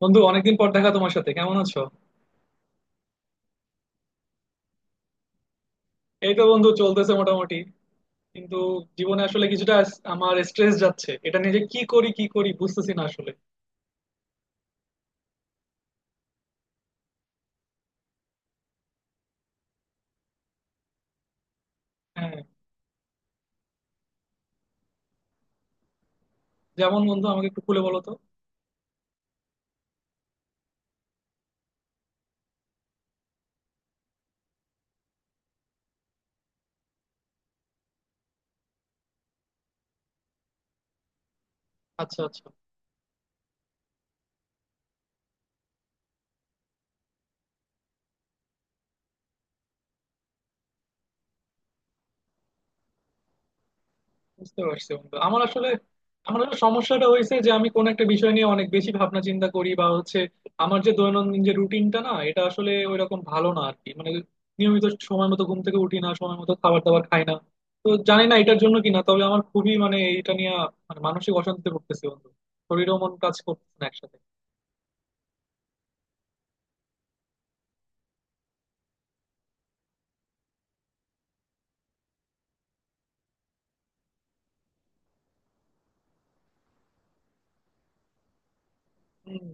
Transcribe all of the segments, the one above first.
বন্ধু, অনেকদিন পর দেখা তোমার সাথে। কেমন আছো? এই তো বন্ধু, চলতেছে মোটামুটি। কিন্তু জীবনে আসলে কিছুটা আমার স্ট্রেস যাচ্ছে, এটা নিয়ে যে কি করি কি করি বুঝতেছি না আসলে। হ্যাঁ, যেমন বন্ধু আমাকে একটু খুলে বলো তো। আচ্ছা আচ্ছা, বুঝতে পারছি বন্ধু। আমার আসলে সমস্যাটা হয়েছে যে আমি কোন একটা বিষয় নিয়ে অনেক বেশি ভাবনা চিন্তা করি, বা হচ্ছে আমার যে দৈনন্দিন যে রুটিনটা না, এটা আসলে ওইরকম ভালো না আর কি। মানে নিয়মিত সময় মতো ঘুম থেকে উঠি না, সময় মতো খাবার দাবার খাই না। তো জানি না এটার জন্য কিনা, তবে আমার খুবই মানে এটা নিয়ে মানে মানসিক অশান্তিতে ভুগতেছি বন্ধু। শরীরও মন কাজ করতেছে না একসাথে। হম।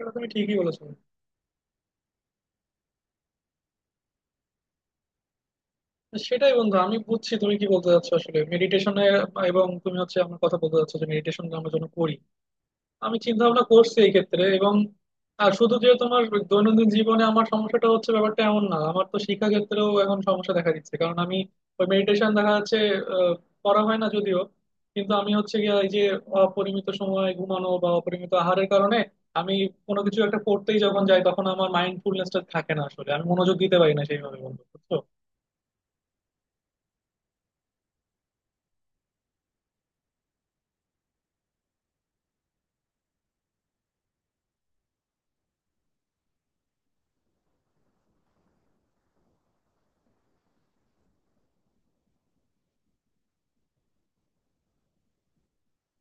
এটা তুমি ঠিকই বলেছো। সেটাই বন্ধু, আমি বুঝছি তুমি কি বলতে চাচ্ছো। আসলে মেডিটেশনে, এবং তুমি হচ্ছে আমার কথা বলতে চাচ্ছো যে মেডিটেশন আমরা যেন করি। আমি চিন্তা ভাবনা করছি এই ক্ষেত্রে। এবং আর শুধু যে তোমার দৈনন্দিন জীবনে আমার সমস্যাটা হচ্ছে, ব্যাপারটা এমন না। আমার তো শিক্ষা ক্ষেত্রেও এখন সমস্যা দেখা দিচ্ছে, কারণ আমি ওই মেডিটেশন দেখা যাচ্ছে আহ, করা হয় না যদিও। কিন্তু আমি হচ্ছে গিয়ে এই যে অপরিমিত সময় ঘুমানো বা অপরিমিত আহারের কারণে আমি কোনো কিছু একটা করতেই যখন যাই, তখন আমার মাইন্ডফুলনেসটা থাকে না আসলে। আমি মনোযোগ দিতে পারি না সেইভাবে বন্ধু, বুঝছো?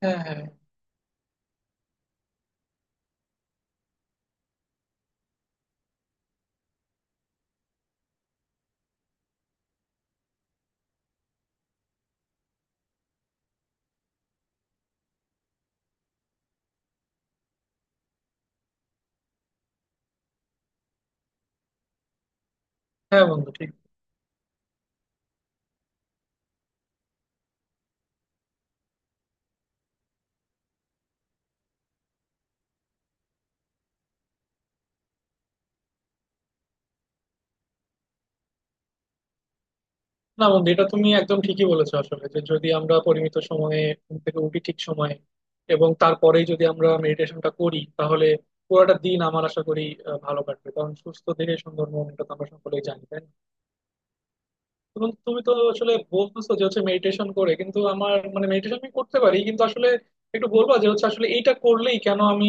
হ্যাঁ, হ্যাঁ। হ্যাঁ বন্ধু, ঠিক। না বন্ধু, এটা তুমি একদম ঠিকই বলেছো। আসলে যে যদি আমরা পরিমিত সময়ে ঘুম থেকে উঠি ঠিক সময়ে, এবং তারপরেই যদি আমরা মেডিটেশনটা করি, তাহলে পুরোটা দিন আমার আশা করি ভালো কাটবে। কারণ সুস্থ দেহে সুন্দর মন, এটা তো আমরা সকলেই জানি, তাই না? এবং তুমি তো আসলে বলতেছো যে হচ্ছে মেডিটেশন করে, কিন্তু আমার মানে মেডিটেশন আমি করতে পারি, কিন্তু আসলে একটু বলবা যে হচ্ছে আসলে এইটা করলেই কেন আমি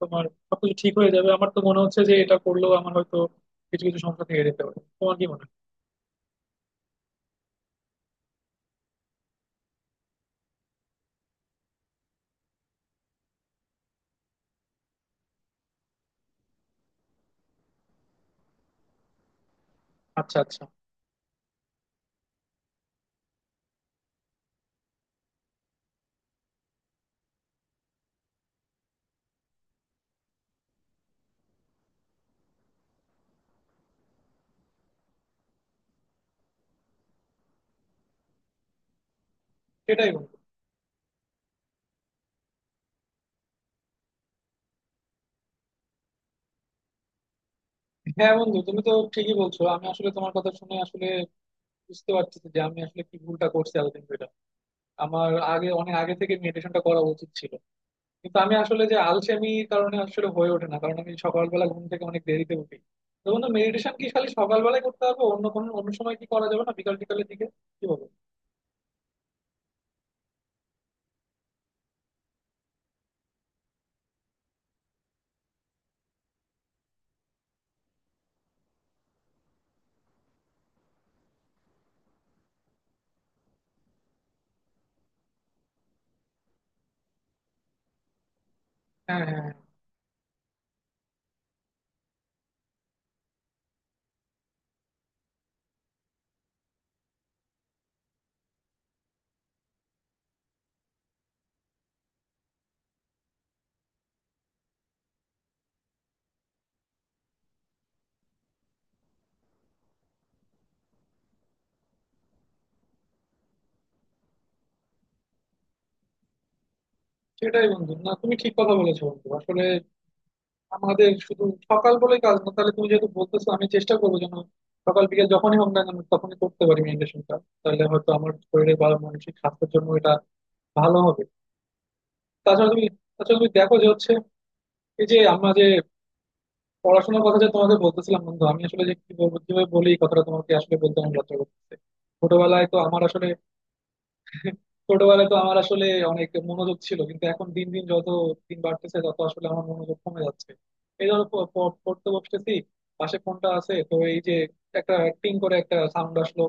তোমার সবকিছু ঠিক হয়ে যাবে? আমার তো মনে হচ্ছে যে এটা করলেও আমার হয়তো কিছু কিছু সমস্যা থেকে যেতে পারে। তোমার কি মনে হয়? আচ্ছা আচ্ছা। এটাই বন্ধু। হ্যাঁ বন্ধু, তুমি তো ঠিকই বলছো। আমি আসলে তোমার কথা শুনে আসলে বুঝতে পারতেছি যে আমি আসলে কি ভুলটা করছি এতদিন ধরে। আমার আগে, অনেক আগে থেকে মেডিটেশনটা করা উচিত ছিল, কিন্তু আমি আসলে যে আলসেমির কারণে আসলে হয়ে ওঠে না। কারণ আমি সকালবেলা ঘুম থেকে অনেক দেরিতে উঠি। তো বন্ধু, মেডিটেশন কি খালি সকালবেলায় করতে হবে? অন্য কোনো অন্য সময় কি করা যাবে না, বিকাল টিকালের দিকে? কি বলবো? হ্যাঁ, হ্যাঁ, হ্যাঁ, সেটাই বন্ধু। না তুমি ঠিক কথা বলেছো বন্ধু। আসলে আমাদের শুধু সকাল বলেই কাজ না। তাহলে তুমি যেহেতু বলতেছো, আমি চেষ্টা করবো যেন সকাল বিকেল যখনই হোক না কেন, তখনই করতে পারি মেডিটেশনটা। তাহলে হয়তো আমার শরীরে বা মানসিক স্বাস্থ্যের জন্য এটা ভালো হবে। তাছাড়া তুমি, তাছাড়া তুমি দেখো যে হচ্ছে এই যে আমরা যে পড়াশোনার কথা যে তোমাকে বলতেছিলাম বন্ধু, আমি আসলে যে কি বলবো, কিভাবে বলি, এই কথাটা তোমাকে আসলে বলতে আমার লজ্জা করতেছে। ছোটবেলায় তো আমার আসলে ছোটবেলায় তো আমার আসলে অনেক মনোযোগ ছিল, কিন্তু এখন দিন দিন যত দিন বাড়তেছে, তত আসলে আমার মনোযোগ কমে যাচ্ছে। এই ধরো পড়তে বসতেছি, পাশে ফোনটা আছে, তো এই যে একটা টিং করে একটা সাউন্ড আসলো,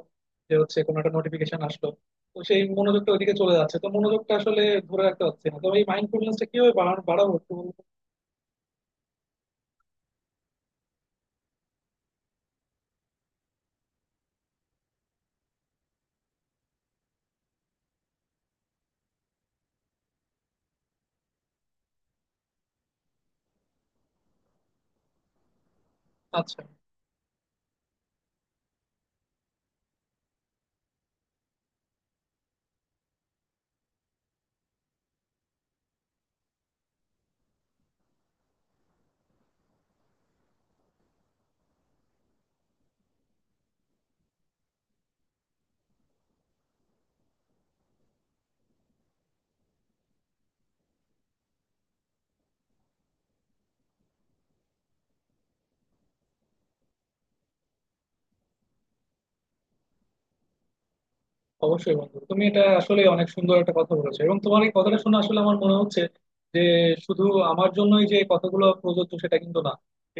যে হচ্ছে কোনো একটা নোটিফিকেশন আসলো, তো সেই মনোযোগটা ওইদিকে চলে যাচ্ছে। তো মনোযোগটা আসলে ধরে রাখতে পারছি না। তো এই মাইন্ডফুলনেসটা কিভাবে বাড়াবো, একটু বলুন তো? আচ্ছা, অবশ্যই বন্ধু, তুমি এটা আসলে অনেক সুন্দর একটা কথা বলেছো। এবং তোমার এই কথাটা শুনে আসলে আমার মনে হচ্ছে যে শুধু আমার জন্যই যে কথাগুলো প্রযোজ্য সেটা কিন্তু না,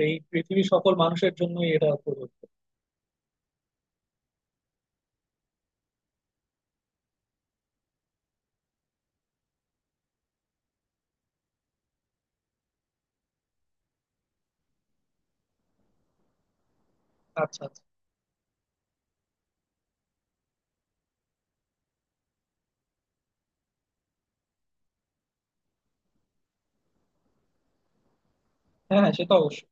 এই পৃথিবীর সকল মানুষের জন্যই এটা প্রযোজ্য। আচ্ছা আচ্ছা। হ্যাঁ হ্যাঁ, সে তো অবশ্যই।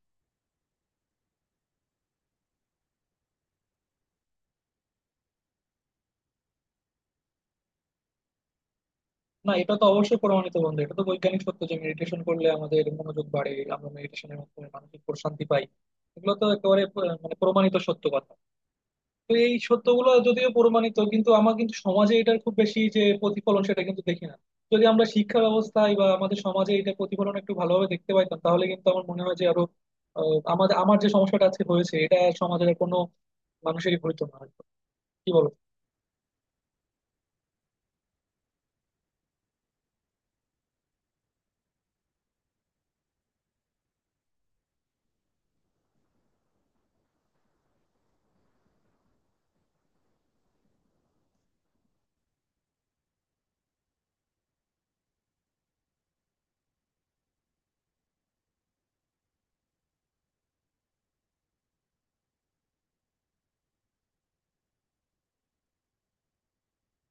না, এটা তো অবশ্যই প্রমাণিত বন্ধু। এটা তো বৈজ্ঞানিক সত্য যে মেডিটেশন করলে আমাদের মনোযোগ বাড়ে, আমরা মেডিটেশনের মাধ্যমে মানসিক প্রশান্তি পাই। এগুলো তো একেবারে মানে প্রমাণিত সত্য কথা। তো এই সত্যগুলো যদিও প্রমাণিত, কিন্তু আমার কিন্তু সমাজে এটার খুব বেশি যে প্রতিফলন সেটা কিন্তু দেখি না। যদি আমরা শিক্ষা ব্যবস্থায় বা আমাদের সমাজে এটা প্রতিফলন একটু ভালোভাবে দেখতে পাইতাম, তাহলে কিন্তু আমার মনে হয় যে আরো আমাদের, আমার যে সমস্যাটা আজকে হয়েছে, এটা সমাজের কোনো মানুষেরই হইতো না হয়তো। কি বলো?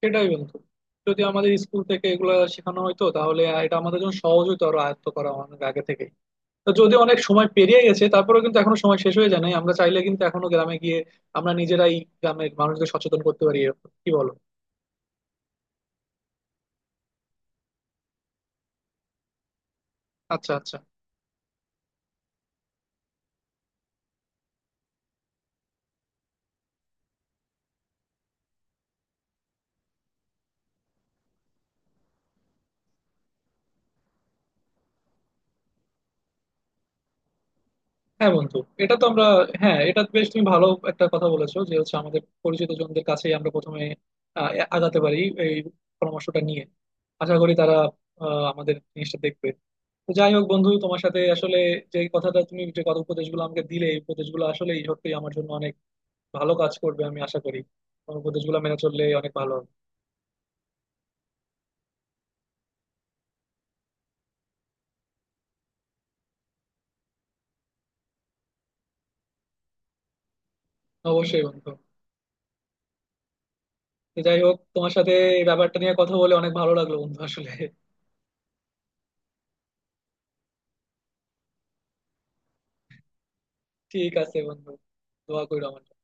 সেটাই বন্ধু, যদি আমাদের স্কুল থেকে এগুলা শেখানো হয়তো, তাহলে এটা আমাদের জন্য সহজ হতো আরো, আয়ত্ত করা অনেক আগে থেকে। তো যদিও অনেক সময় পেরিয়ে গেছে, তারপরেও কিন্তু এখনো সময় শেষ হয়ে যায় নাই। আমরা চাইলে কিন্তু এখনো গ্রামে গিয়ে আমরা নিজেরাই গ্রামের মানুষদের সচেতন করতে পারি এরকম। কি বলো? আচ্ছা আচ্ছা। হ্যাঁ বন্ধু, এটা তো আমরা। হ্যাঁ, এটা বেশ, তুমি ভালো একটা কথা বলেছো যে হচ্ছে আমাদের পরিচিত জনদের কাছেই আমরা প্রথমে আহ, আগাতে পারি এই পরামর্শটা নিয়ে। আশা করি তারা আমাদের জিনিসটা দেখবে। তো যাই হোক বন্ধু, তোমার সাথে আসলে যে কথাটা, তুমি যে কথা উপদেশগুলো আমাকে দিলে, এই উপদেশগুলো আসলে সত্যি আমার জন্য অনেক ভালো কাজ করবে আমি আশা করি। তোমার উপদেশগুলো মেনে চললে অনেক ভালো হবে। অবশ্যই বন্ধু। তো যাই হোক, তোমার সাথে এই ব্যাপারটা নিয়ে কথা বলে অনেক ভালো লাগলো বন্ধু আসলে। ঠিক আছে বন্ধু, দোয়া করো আমার জন্য।